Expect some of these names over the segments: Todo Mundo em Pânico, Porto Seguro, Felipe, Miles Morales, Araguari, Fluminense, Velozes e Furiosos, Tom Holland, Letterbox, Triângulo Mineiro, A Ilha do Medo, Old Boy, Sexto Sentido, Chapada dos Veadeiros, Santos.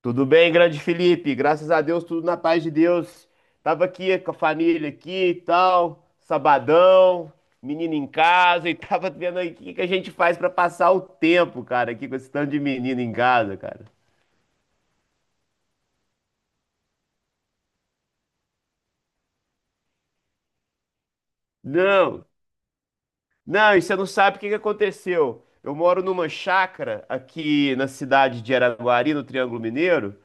Tudo bem, grande Felipe? Graças a Deus, tudo na paz de Deus. Tava aqui com a família aqui e tal, sabadão, menino em casa e tava vendo aí o que que a gente faz pra passar o tempo, cara, aqui com esse tanto de menino em casa, cara. Não, não, e você não sabe o que que aconteceu. Eu moro numa chácara aqui na cidade de Araguari, no Triângulo Mineiro,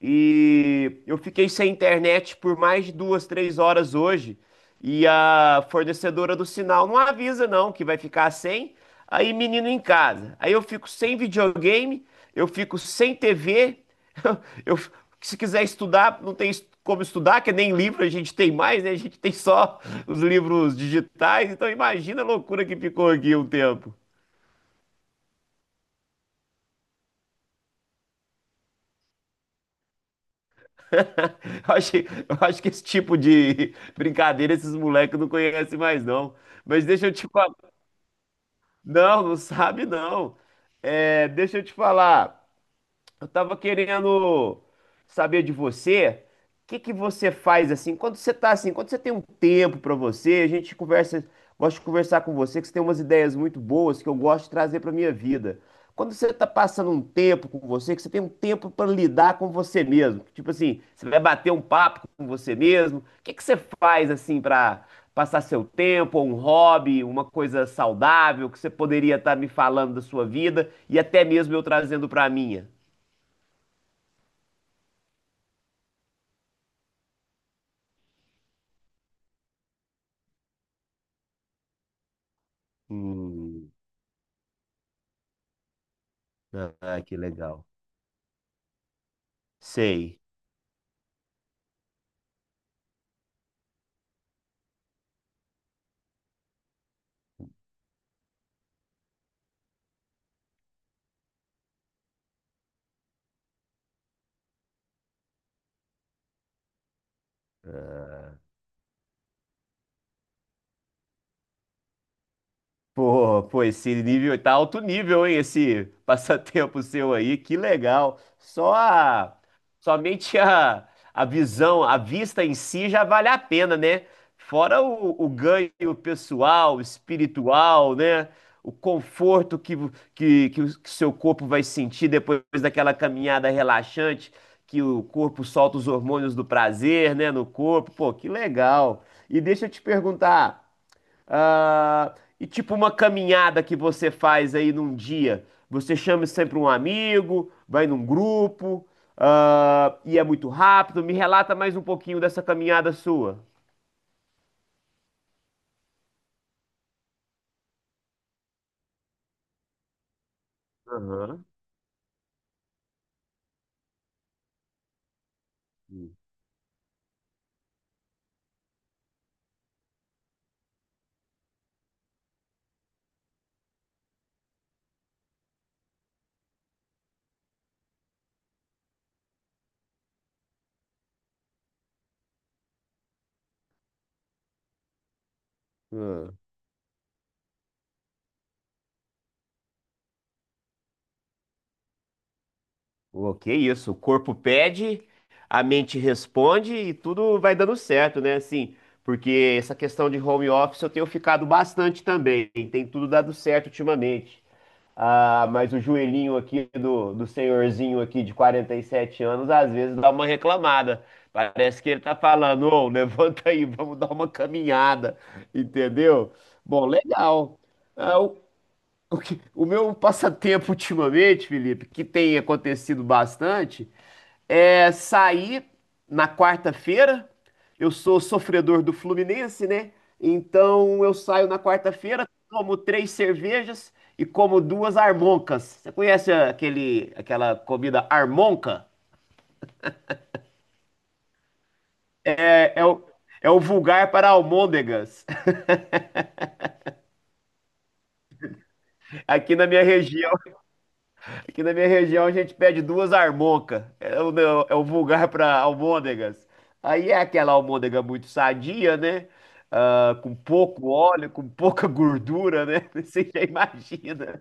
e eu fiquei sem internet por mais de 2, 3 horas hoje. E a fornecedora do sinal não avisa, não, que vai ficar sem. Aí, menino em casa. Aí eu fico sem videogame, eu fico sem TV. Eu, se quiser estudar, não tem como estudar, que nem livro a gente tem mais, né? A gente tem só os livros digitais, então imagina a loucura que ficou aqui um tempo. Eu acho que esse tipo de brincadeira esses moleques não conhecem mais, não. Mas deixa eu te falar. Não, não sabe, não. É, deixa eu te falar. Eu tava querendo saber de você, o que que você faz assim, quando você tá assim, quando você tem um tempo pra você, a gente conversa, gosto de conversar com você, que você tem umas ideias muito boas que eu gosto de trazer pra minha vida. Quando você tá passando um tempo com você, que você tem um tempo pra lidar com você mesmo, tipo assim, você vai bater um papo com você mesmo, o que que você faz assim pra passar seu tempo, ou um hobby, uma coisa saudável que você poderia estar me falando da sua vida e até mesmo eu trazendo pra minha? Hum. Ah, que legal. Sei. Pô, pô, esse nível tá alto nível, hein? Esse passatempo seu aí, que legal. Somente a visão, a vista em si já vale a pena, né? Fora o ganho pessoal, espiritual, né? O conforto que o que seu corpo vai sentir depois daquela caminhada relaxante, que o corpo solta os hormônios do prazer, né? No corpo, pô, que legal. E deixa eu te perguntar. Ah, e tipo uma caminhada que você faz aí num dia, você chama sempre um amigo, vai num grupo, ah, e é muito rápido. Me relata mais um pouquinho dessa caminhada sua. Aham. Pô, que isso, o corpo pede, a mente responde e tudo vai dando certo, né? Assim, porque essa questão de home office eu tenho ficado bastante também, tem tudo dado certo ultimamente. Ah, mas o joelhinho aqui do senhorzinho aqui de 47 anos, às vezes dá uma reclamada. Parece que ele tá falando, ô, levanta aí, vamos dar uma caminhada, entendeu? Bom, legal. Ah, o meu passatempo ultimamente, Felipe, que tem acontecido bastante, é sair na quarta-feira. Eu sou sofredor do Fluminense, né? Então eu saio na quarta-feira, tomo três cervejas e como duas armoncas. Você conhece aquele, aquela comida armonca? É, é o, é o vulgar para almôndegas aqui na minha região. Aqui na minha região a gente pede duas armoncas. É o vulgar para almôndegas. Aí é aquela almôndega muito sadia, né? Ah, com pouco óleo, com pouca gordura, né? Você já imagina.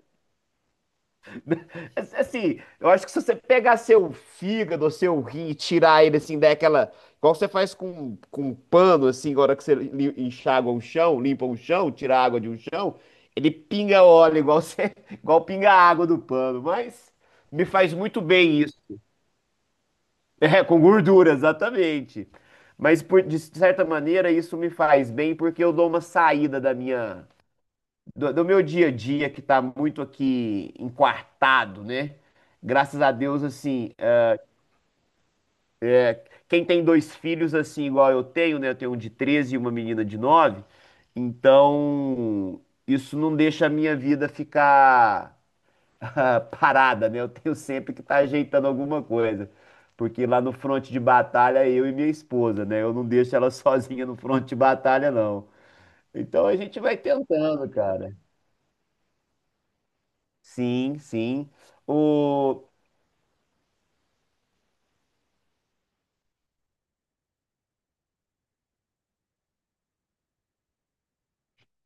Assim, assim, eu acho que se você pegar seu fígado, seu rim e tirar ele assim, daquela. Igual você faz com um pano, assim, agora que você enxágua um chão, limpa um chão, tira a água de um chão, ele pinga óleo, igual, você, igual pinga a água do pano. Mas me faz muito bem isso. É, com gordura, exatamente. Mas de certa maneira, isso me faz bem porque eu dou uma saída do meu dia a dia que tá muito aqui enquartado, né? Graças a Deus, assim, quem tem dois filhos, assim, igual eu tenho, né? Eu tenho um de 13 e uma menina de 9. Então isso não deixa a minha vida ficar ah, parada, né? Eu tenho sempre que estar ajeitando alguma coisa. Porque lá no fronte de batalha é eu e minha esposa, né? Eu não deixo ela sozinha no fronte de batalha, não. Então a gente vai tentando, cara. Sim, sim. O...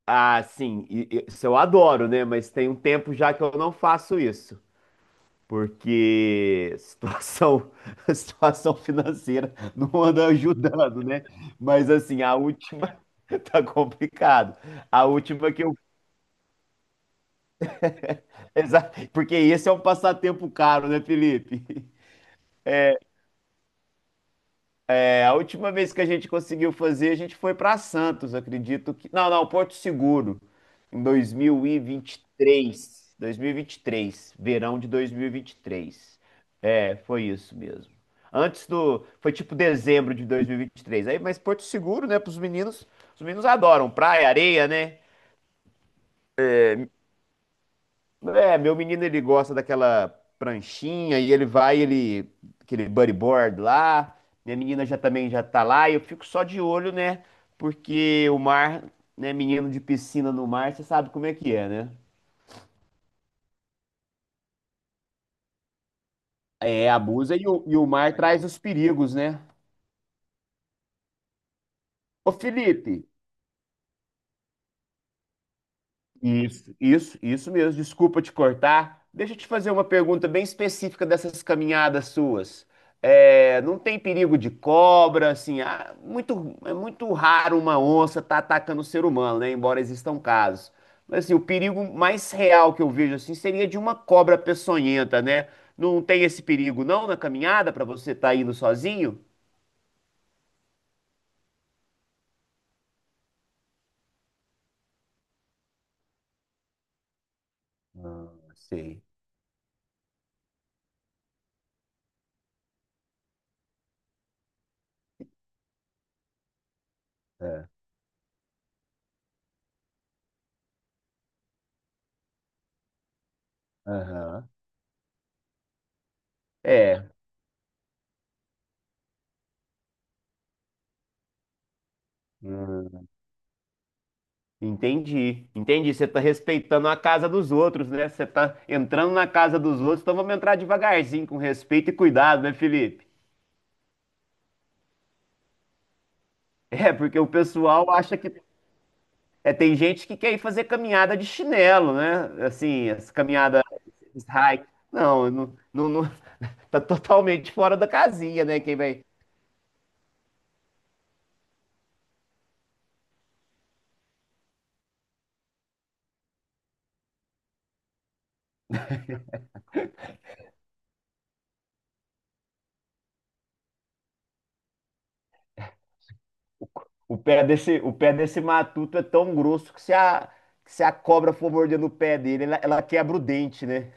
Ah, sim, isso eu adoro, né? Mas tem um tempo já que eu não faço isso, porque a situação financeira não anda ajudando, né? Mas assim, a última tá complicado. A última que eu, exa- Porque esse é um passatempo caro, né, Felipe? É, a última vez que a gente conseguiu fazer, a gente foi para Santos, acredito que. Não, não, Porto Seguro, em 2023. 2023, verão de 2023. É, foi isso mesmo. Antes do. Foi tipo dezembro de 2023. Aí, mas Porto Seguro, né, para os meninos. Os meninos adoram praia, areia, né? É, meu menino ele gosta daquela pranchinha e ele vai, ele, aquele bodyboard lá. Minha menina já também já tá lá e eu fico só de olho, né? Porque o mar, né, menino de piscina no mar, você sabe como é que é, né? É, abusa e o mar traz os perigos, né? Ô Felipe, isso mesmo. Desculpa te cortar. Deixa eu te fazer uma pergunta bem específica dessas caminhadas suas. É, não tem perigo de cobra, assim, ah, muito, é muito raro uma onça estar atacando o ser humano, né? Embora existam casos. Mas assim, o perigo mais real que eu vejo assim seria de uma cobra peçonhenta, né? Não tem esse perigo não na caminhada para você estar indo sozinho? Ah, sei. É. Aham. É. Entendi, entendi. Você tá respeitando a casa dos outros, né? Você tá entrando na casa dos outros, então vamos entrar devagarzinho, com respeito e cuidado, né, Felipe? É, porque o pessoal acha que. É, tem gente que quer ir fazer caminhada de chinelo, né? Assim, as caminhadas hike. Não, não, não, não- tá totalmente fora da casinha, né? Quem vai. O pé desse matuto é tão grosso que se a cobra for mordendo o pé dele, ela quebra o dente, né?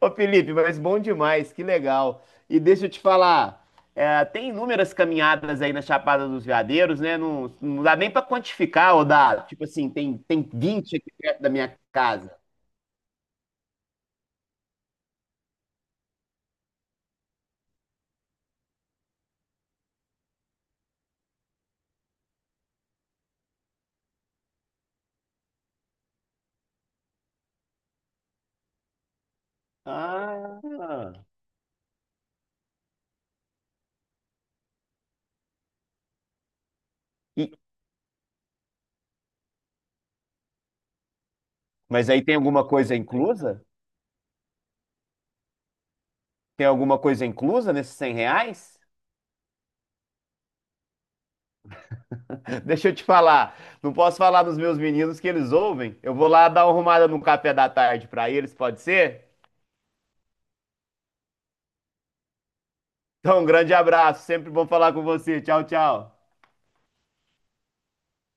Ô Felipe, mas bom demais, que legal. E deixa eu te falar, é, tem inúmeras caminhadas aí na Chapada dos Veadeiros, né? Não, não dá nem pra quantificar, ou dá, tipo assim, tem 20 aqui perto da minha casa. Ah! E- mas aí tem alguma coisa inclusa? Tem alguma coisa inclusa nesses R$ 100? Deixa eu te falar, não posso falar dos meus meninos que eles ouvem. Eu vou lá dar uma arrumada no café da tarde pra eles, pode ser? Então, um grande abraço, sempre bom falar com você. Tchau, tchau.